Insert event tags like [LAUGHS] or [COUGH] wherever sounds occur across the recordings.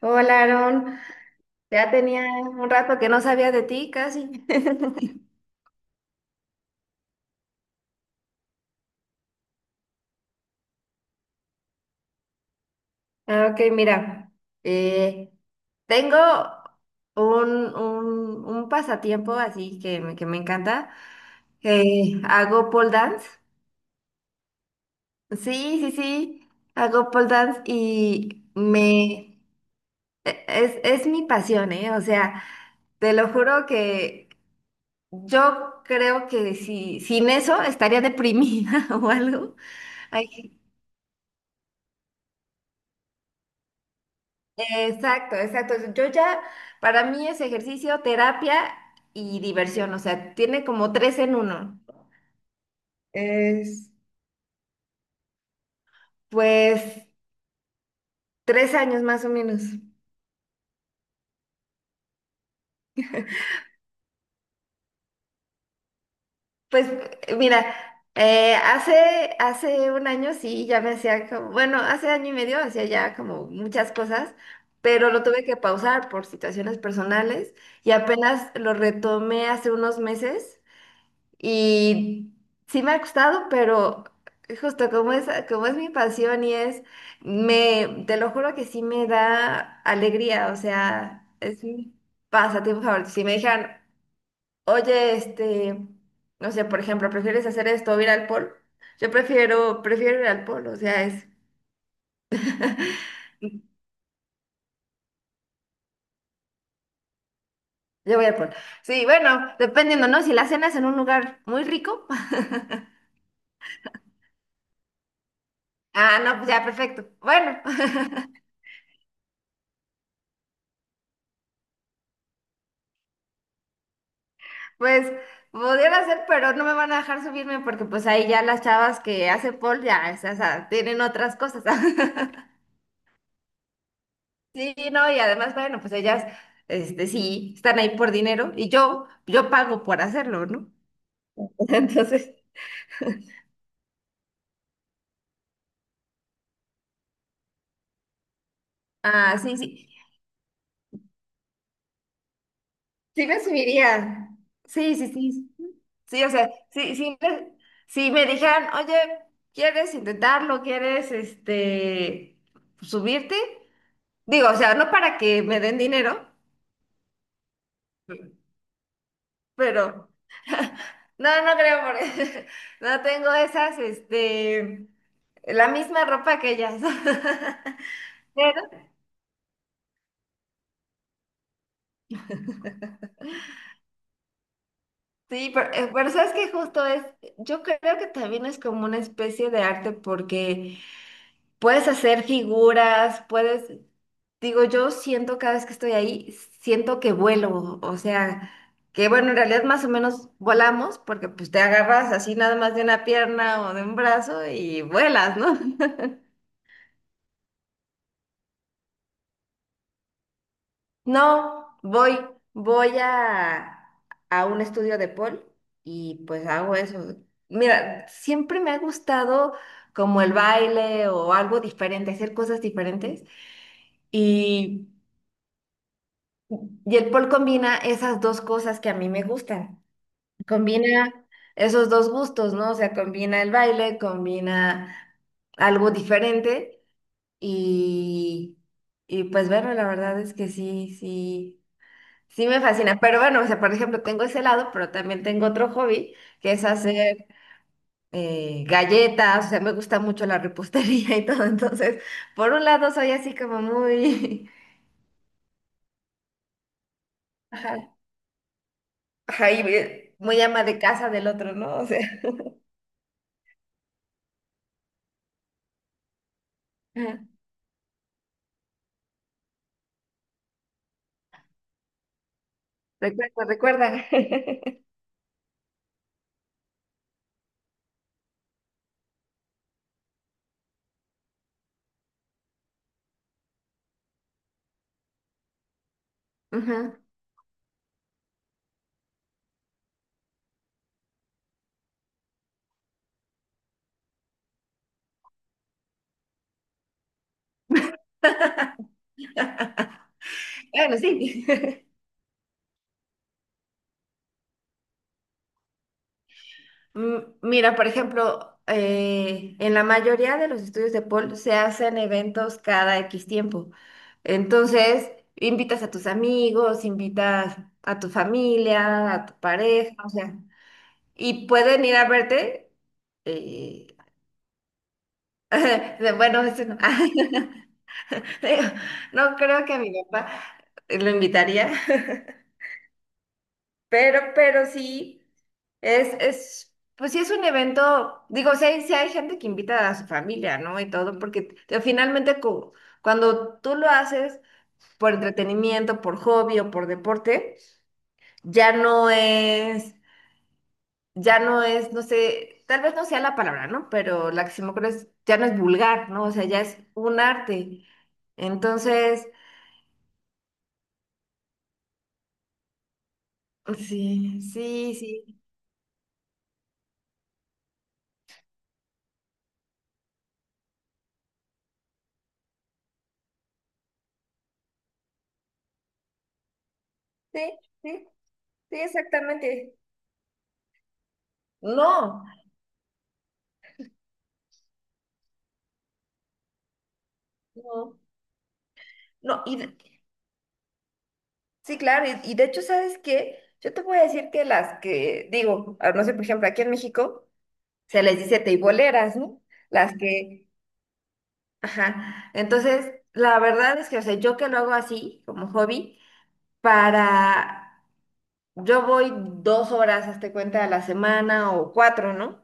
Hola, Aaron. Ya tenía un rato que no sabía de ti, casi. [LAUGHS] Ah, Ok, mira, eh, tengo un pasatiempo así que me encanta. Hago pole dance. Sí, sí, sí, hago pole dance. Es mi pasión, ¿eh? O sea, te lo juro que yo creo que sin eso estaría deprimida [LAUGHS] o algo. Exacto, exacto. Para mí es ejercicio, terapia y diversión, o sea, tiene como tres en uno. Es, pues, 3 años más o menos. Pues, mira, hace un año sí, ya me hacía como, bueno, hace año y medio hacía ya como muchas cosas, pero lo tuve que pausar por situaciones personales y apenas lo retomé hace unos meses. Y sí me ha gustado, pero justo como es mi pasión y es, te lo juro que sí me da alegría, o sea, es mi pasatiempo favorito. Si me dijeran, oye, este, no sé, por ejemplo, ¿prefieres hacer esto o ir al polo? Yo prefiero ir al polo, o sea, es, yo voy al polo. Sí, bueno, dependiendo, ¿no? Si la cena es en un lugar muy rico, [LAUGHS] ah, no, pues ya, perfecto. Bueno. Pues pudiera ser, pero no me van a dejar subirme porque pues ahí ya las chavas que hacen pole ya, o sea, tienen otras cosas. [LAUGHS] Sí, no, y además, bueno, pues ellas, este, sí, están ahí por dinero y yo pago por hacerlo, ¿no? [LAUGHS] Entonces, ah, sí, sí, sí me subiría. Sí, sí, sí. Sí, o sea, sí, sí, si me dijeran, oye, ¿quieres intentarlo? ¿Quieres, este, subirte? Digo, o sea, no para que me den dinero. Pero no, no creo por [LAUGHS] no tengo esas, este, la misma ropa que ellas. [LAUGHS] Pero sí, pero sabes que justo es, yo creo que también es como una especie de arte porque puedes hacer figuras, puedes, digo, yo siento cada vez que estoy ahí, siento que vuelo, o sea, que bueno, en realidad más o menos volamos porque pues te agarras así nada más de una pierna o de un brazo y vuelas, ¿no? [LAUGHS] No, voy a un estudio de Paul y pues hago eso. Mira, siempre me ha gustado como el baile o algo diferente, hacer cosas diferentes. Y, y el Paul combina esas dos cosas que a mí me gustan. Combina esos dos gustos, ¿no? O sea, combina el baile, combina algo diferente y, y pues bueno, la verdad es que sí, sí. Sí me fascina, pero bueno, o sea, por ejemplo, tengo ese lado, pero también tengo otro hobby, que es hacer galletas, o sea, me gusta mucho la repostería y todo, entonces, por un lado soy así como muy, [LAUGHS] ajá, ajá, y muy ama de casa del otro, ¿no? O sea, ajá, recuerda, recuerda. [LAUGHS] Ajá. Bueno, sí. [LAUGHS] Mira, por ejemplo, en la mayoría de los estudios de Paul se hacen eventos cada X tiempo. Entonces, invitas a tus amigos, invitas a tu familia, a tu pareja, o sea, y pueden ir a verte. eh, [LAUGHS] bueno, ese no. [LAUGHS] No creo que a mi papá lo invitaría. Pero sí, es, pues sí es un evento, digo, sí hay gente que invita a su familia, ¿no? Y todo, porque finalmente cuando tú lo haces por entretenimiento, por hobby o por deporte, ya no es, ya no es, no sé, tal vez no sea la palabra, ¿no? Pero la que se me ocurre es, ya no es vulgar, ¿no? O sea, ya es un arte. Entonces, sí, sí, sí. Sí, sí, sí, exactamente. No. No. No, y sí, claro, y de hecho, ¿sabes qué? Yo te voy a decir que las que, digo, ah, no sé, por ejemplo, aquí en México se les dice teiboleras, ¿no? Las que, ajá. Entonces, la verdad es que, o sea, yo que lo hago así, como hobby, para, yo voy 2 horas, hazte cuenta, a la semana o cuatro, ¿no?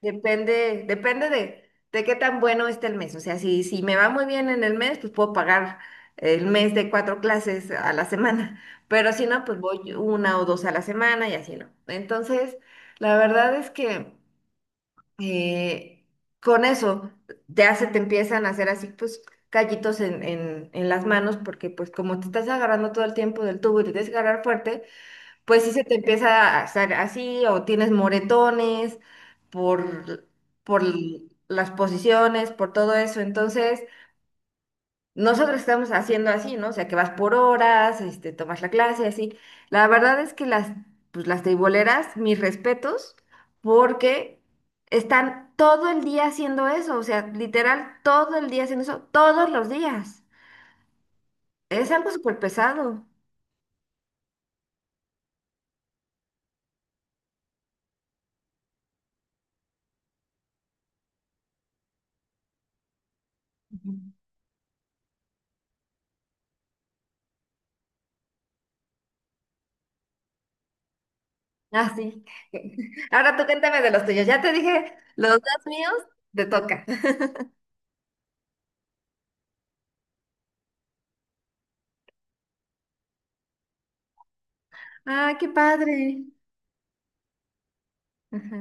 Depende, depende de qué tan bueno esté el mes. O sea, si me va muy bien en el mes, pues puedo pagar el mes de cuatro clases a la semana. [LAUGHS] Pero si no, pues voy una o dos a la semana y así no. Entonces, la verdad es que eh, con eso ya se te empiezan a hacer así, pues, callitos en las manos, porque pues como te estás agarrando todo el tiempo del tubo y te tienes que agarrar fuerte, pues sí se te empieza a hacer así o tienes moretones por, por las posiciones, por todo eso. Entonces, nosotros estamos haciendo así, ¿no? O sea, que vas por horas, este, tomas la clase, así. La verdad es que las, pues, las teiboleras, mis respetos, porque están todo el día haciendo eso, o sea, literal, todo el día haciendo eso, todos los días. Es algo súper pesado. Ah, sí. [LAUGHS] Ahora tú cuéntame de los tuyos. Ya te dije los dos míos, te toca. [LAUGHS] Ah, qué padre. Ajá.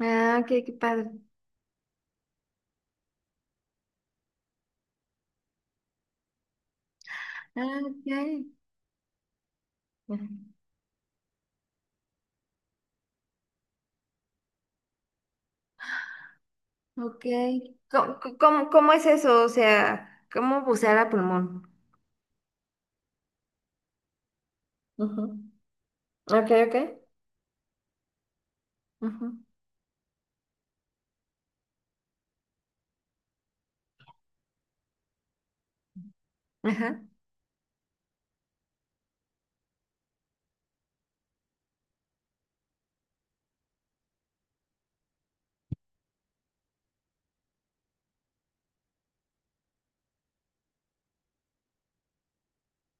Ah, ok, qué padre. Ah, ok. Ajá. Ok. ¿Cómo es eso? O sea, ¿cómo bucear a pulmón? Ujú. Ok, ok. Ujú. Ajá.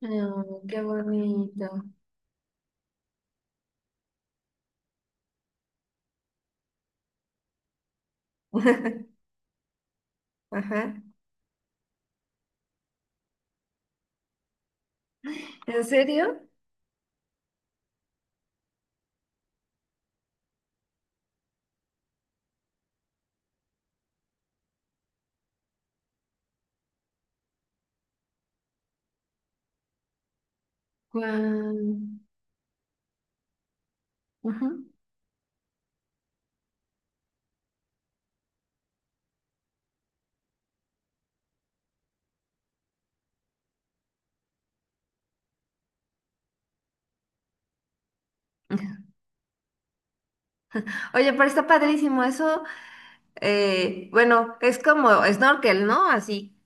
Oh, qué bonito. [LAUGHS] Ajá. ¿En serio? Guau. Ujú. Oye, pero está padrísimo. Eso bueno, es como snorkel, ¿no? Así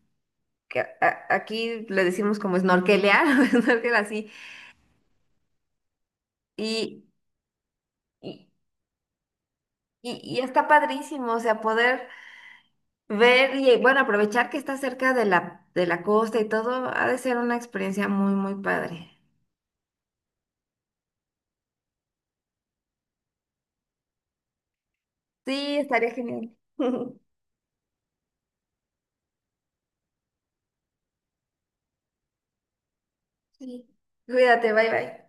que aquí le decimos como snorkelear, [LAUGHS] snorkel así. Y, y, y está padrísimo, o sea, poder ver y bueno, aprovechar que está cerca de la costa y todo, ha de ser una experiencia muy, muy padre. Sí, estaría genial. [LAUGHS] Sí. Cuídate, bye bye.